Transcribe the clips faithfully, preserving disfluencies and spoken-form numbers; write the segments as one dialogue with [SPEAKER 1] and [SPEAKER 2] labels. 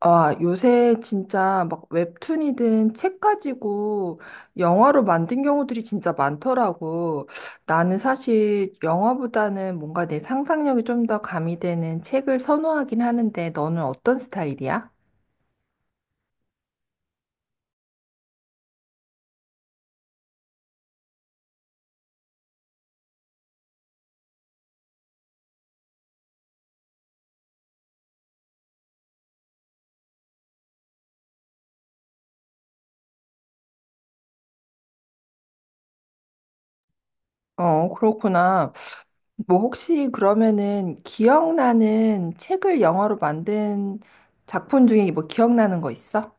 [SPEAKER 1] 아, 요새 진짜 막 웹툰이든 책 가지고 영화로 만든 경우들이 진짜 많더라고. 나는 사실 영화보다는 뭔가 내 상상력이 좀 더 가미되는 책을 선호하긴 하는데 너는 어떤 스타일이야? 어, 그렇구나. 뭐 혹시 그러면은 기억나는 책을 영화로 만든 작품 중에 뭐 기억나는 거 있어?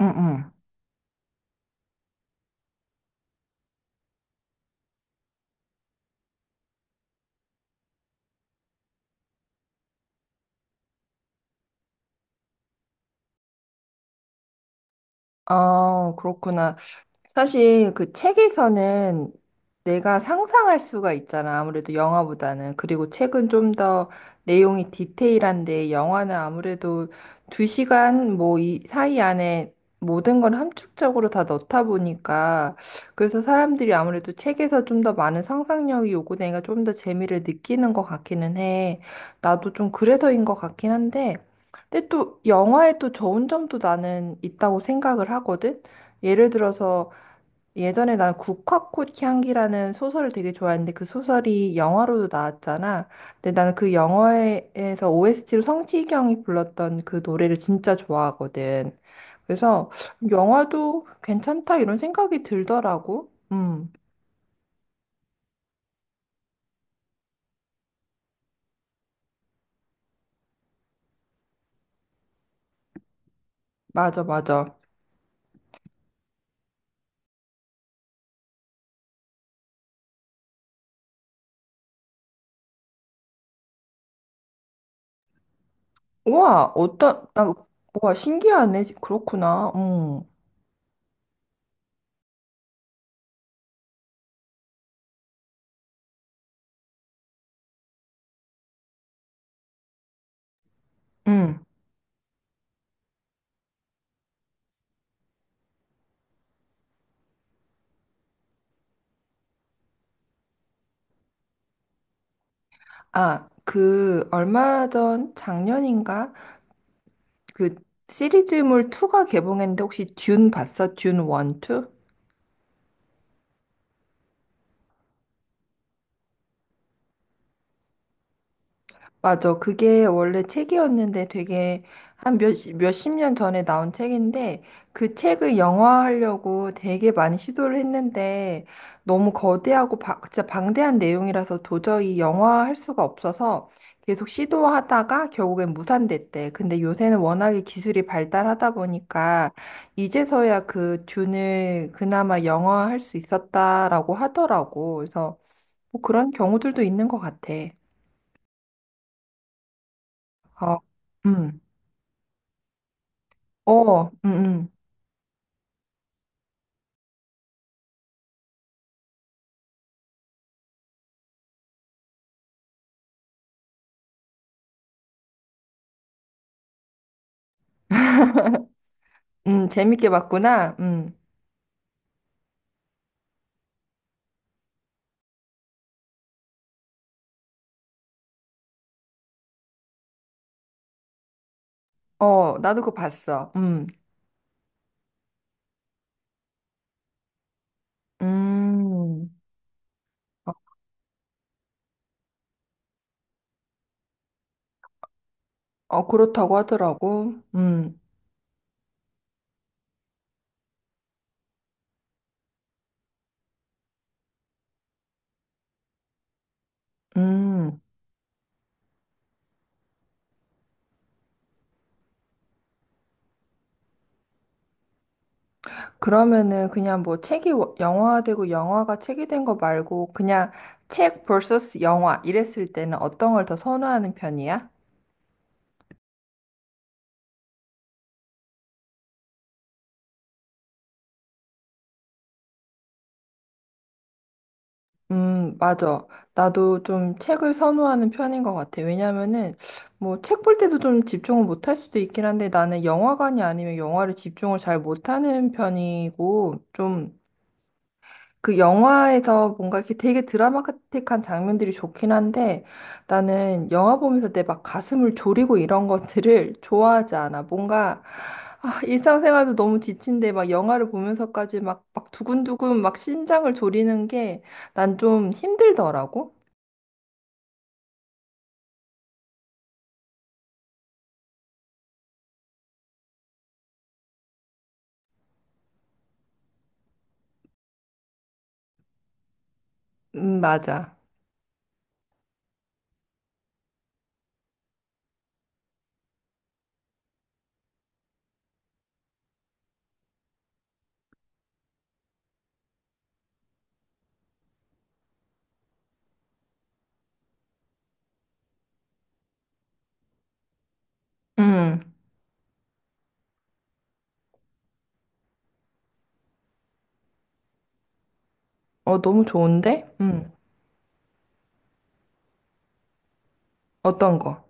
[SPEAKER 1] 응, 응. 아, 그렇구나. 사실 그 책에서는 내가 상상할 수가 있잖아. 아무래도 영화보다는. 그리고 책은 좀 더 내용이 디테일한데 영화는 아무래도 두 시간 뭐 이 사이 안에 모든 걸 함축적으로 다 넣다 보니까 그래서 사람들이 아무래도 책에서 좀 더 많은 상상력이 요구되니까 좀 더 재미를 느끼는 것 같기는 해. 나도 좀 그래서인 것 같긴 한데. 근데 또 영화에 또 좋은 점도 나는 있다고 생각을 하거든. 예를 들어서 예전에 난 국화꽃 향기라는 소설을 되게 좋아했는데 그 소설이 영화로도 나왔잖아. 근데 나는 그 영화에서 오에스티로 성시경이 불렀던 그 노래를 진짜 좋아하거든. 그래서 영화도 괜찮다 이런 생각이 들더라고. 음, 맞아, 맞아. 우와, 어떤, 나, 와, 신기하네. 그렇구나. 음, 음. 아, 그 얼마 전 작년인가? 그 시리즈물 이가 개봉했는데 혹시 듄 봤어? 듄 일, 이? 맞아. 그게 원래 책이었는데 되게 한 몇, 몇십 년 전에 나온 책인데 그 책을 영화화하려고 되게 많이 시도를 했는데 너무 거대하고 바, 진짜 방대한 내용이라서 도저히 영화화할 수가 없어서 계속 시도하다가 결국엔 무산됐대. 근데 요새는 워낙에 기술이 발달하다 보니까 이제서야 그 듄을 그나마 영화화할 수 있었다라고 하더라고. 그래서 뭐 그런 경우들도 있는 것 같아. 어, 음. 어, 음, 음, 음, 재밌게 봤구나. 음, 어, 나도 그거 봤어. 음, 음, 어, 어, 그렇다고 하더라고. 음, 음. 그러면은 그냥 뭐 책이 워- 영화화되고 영화가 책이 된 거 말고 그냥 책 vs 영화 이랬을 때는 어떤 걸 더 선호하는 편이야? 음, 맞아. 나도 좀 책을 선호하는 편인 것 같아. 왜냐면은, 뭐, 책 볼 때도 좀 집중을 못할 수도 있긴 한데, 나는 영화관이 아니면 영화를 집중을 잘 못하는 편이고, 좀, 그 영화에서 뭔가 이렇게 되게 드라마틱한 장면들이 좋긴 한데 나는 영화 보면서 내 막 가슴을 졸이고 이런 것들을 좋아하지 않아. 뭔가 아, 일상생활도 너무 지친데 막 영화를 보면서까지 막, 막 두근두근 막 심장을 졸이는 게 난 좀 힘들더라고. 음, 맞아. 음. 어, 너무 좋은데? 음. 어떤 거?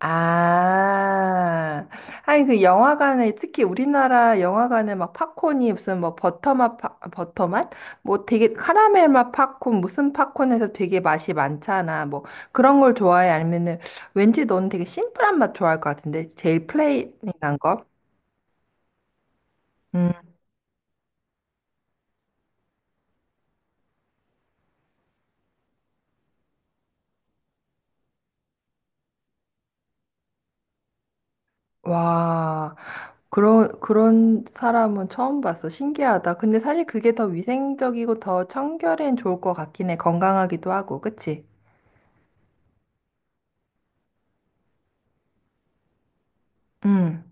[SPEAKER 1] 아, 아니, 그 영화관에, 특히 우리나라 영화관에 막 팝콘이 무슨 뭐 버터맛, 파- 버터맛? 뭐 되게 카라멜 맛 팝콘, 무슨 팝콘에서 되게 맛이 많잖아. 뭐 그런 걸 좋아해? 아니면은 왠지 너는 되게 심플한 맛 좋아할 것 같은데? 제일 플레인한 거? 음, 와, 그런, 그런 사람은 처음 봤어. 신기하다. 근데 사실 그게 더 위생적이고 더 청결엔 좋을 것 같긴 해. 건강하기도 하고, 그치? 음,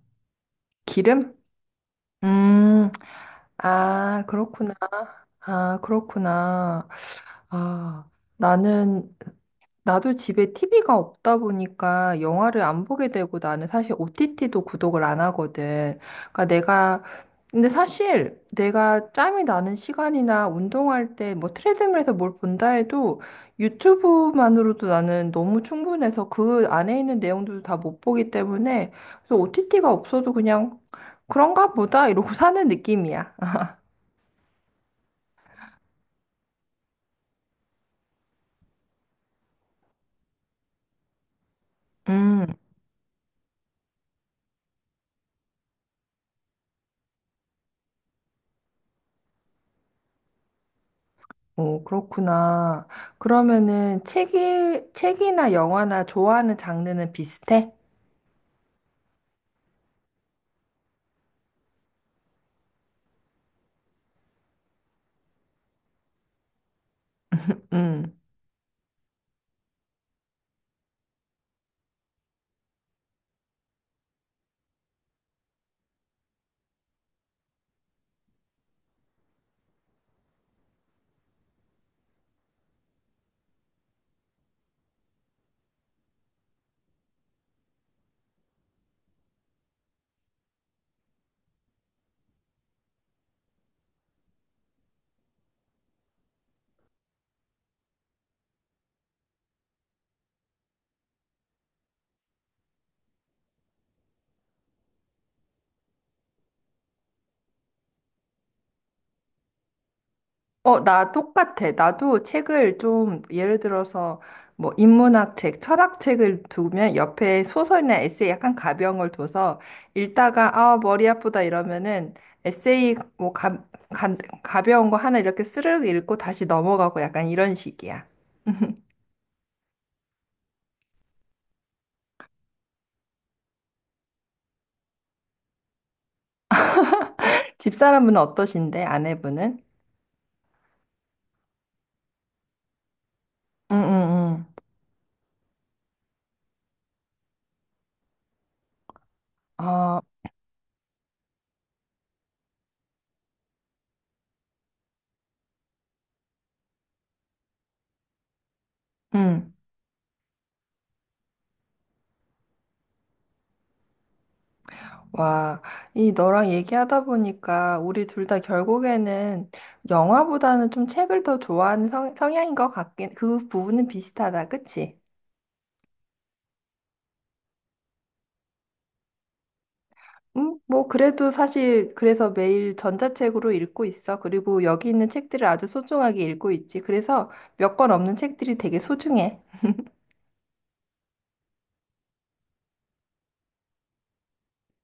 [SPEAKER 1] 기름? 음, 아, 그렇구나. 아, 그렇구나. 아, 나는 나도 집에 티비가 없다 보니까 영화를 안 보게 되고 나는 사실 오티티도 구독을 안 하거든. 그러니까 내가 근데 사실 내가 짬이 나는 시간이나 운동할 때 뭐 트레드밀에서 뭘 본다 해도 유튜브만으로도 나는 너무 충분해서 그 안에 있는 내용들도 다 못 보기 때문에 그래서 오티티가 없어도 그냥 그런가 보다 이러고 사는 느낌이야. 음. 오, 그렇구나. 그러면은 책이, 책이나 영화나 좋아하는 장르는 비슷해? 음. 어, 나 똑같아. 나도 책을 좀, 예를 들어서, 뭐, 인문학 책, 철학 책을 두면 옆에 소설이나 에세이 약간 가벼운 걸 둬서 읽다가, 아, 머리 아프다 이러면은 에세이 뭐, 가, 가, 가벼운 거 하나 이렇게 스르륵 읽고 다시 넘어가고 약간 이런 식이야. 집사람은 어떠신데, 아내분은? 응, 응, 응. 아, 응. 와, 이 너랑 얘기하다 보니까 우리 둘 다 결국에는 영화보다는 좀 책을 더 좋아하는 성, 성향인 것 같긴, 그 부분은 비슷하다, 그치? 음, 뭐, 그래도 사실, 그래서 매일 전자책으로 읽고 있어. 그리고 여기 있는 책들을 아주 소중하게 읽고 있지. 그래서 몇 권 없는 책들이 되게 소중해.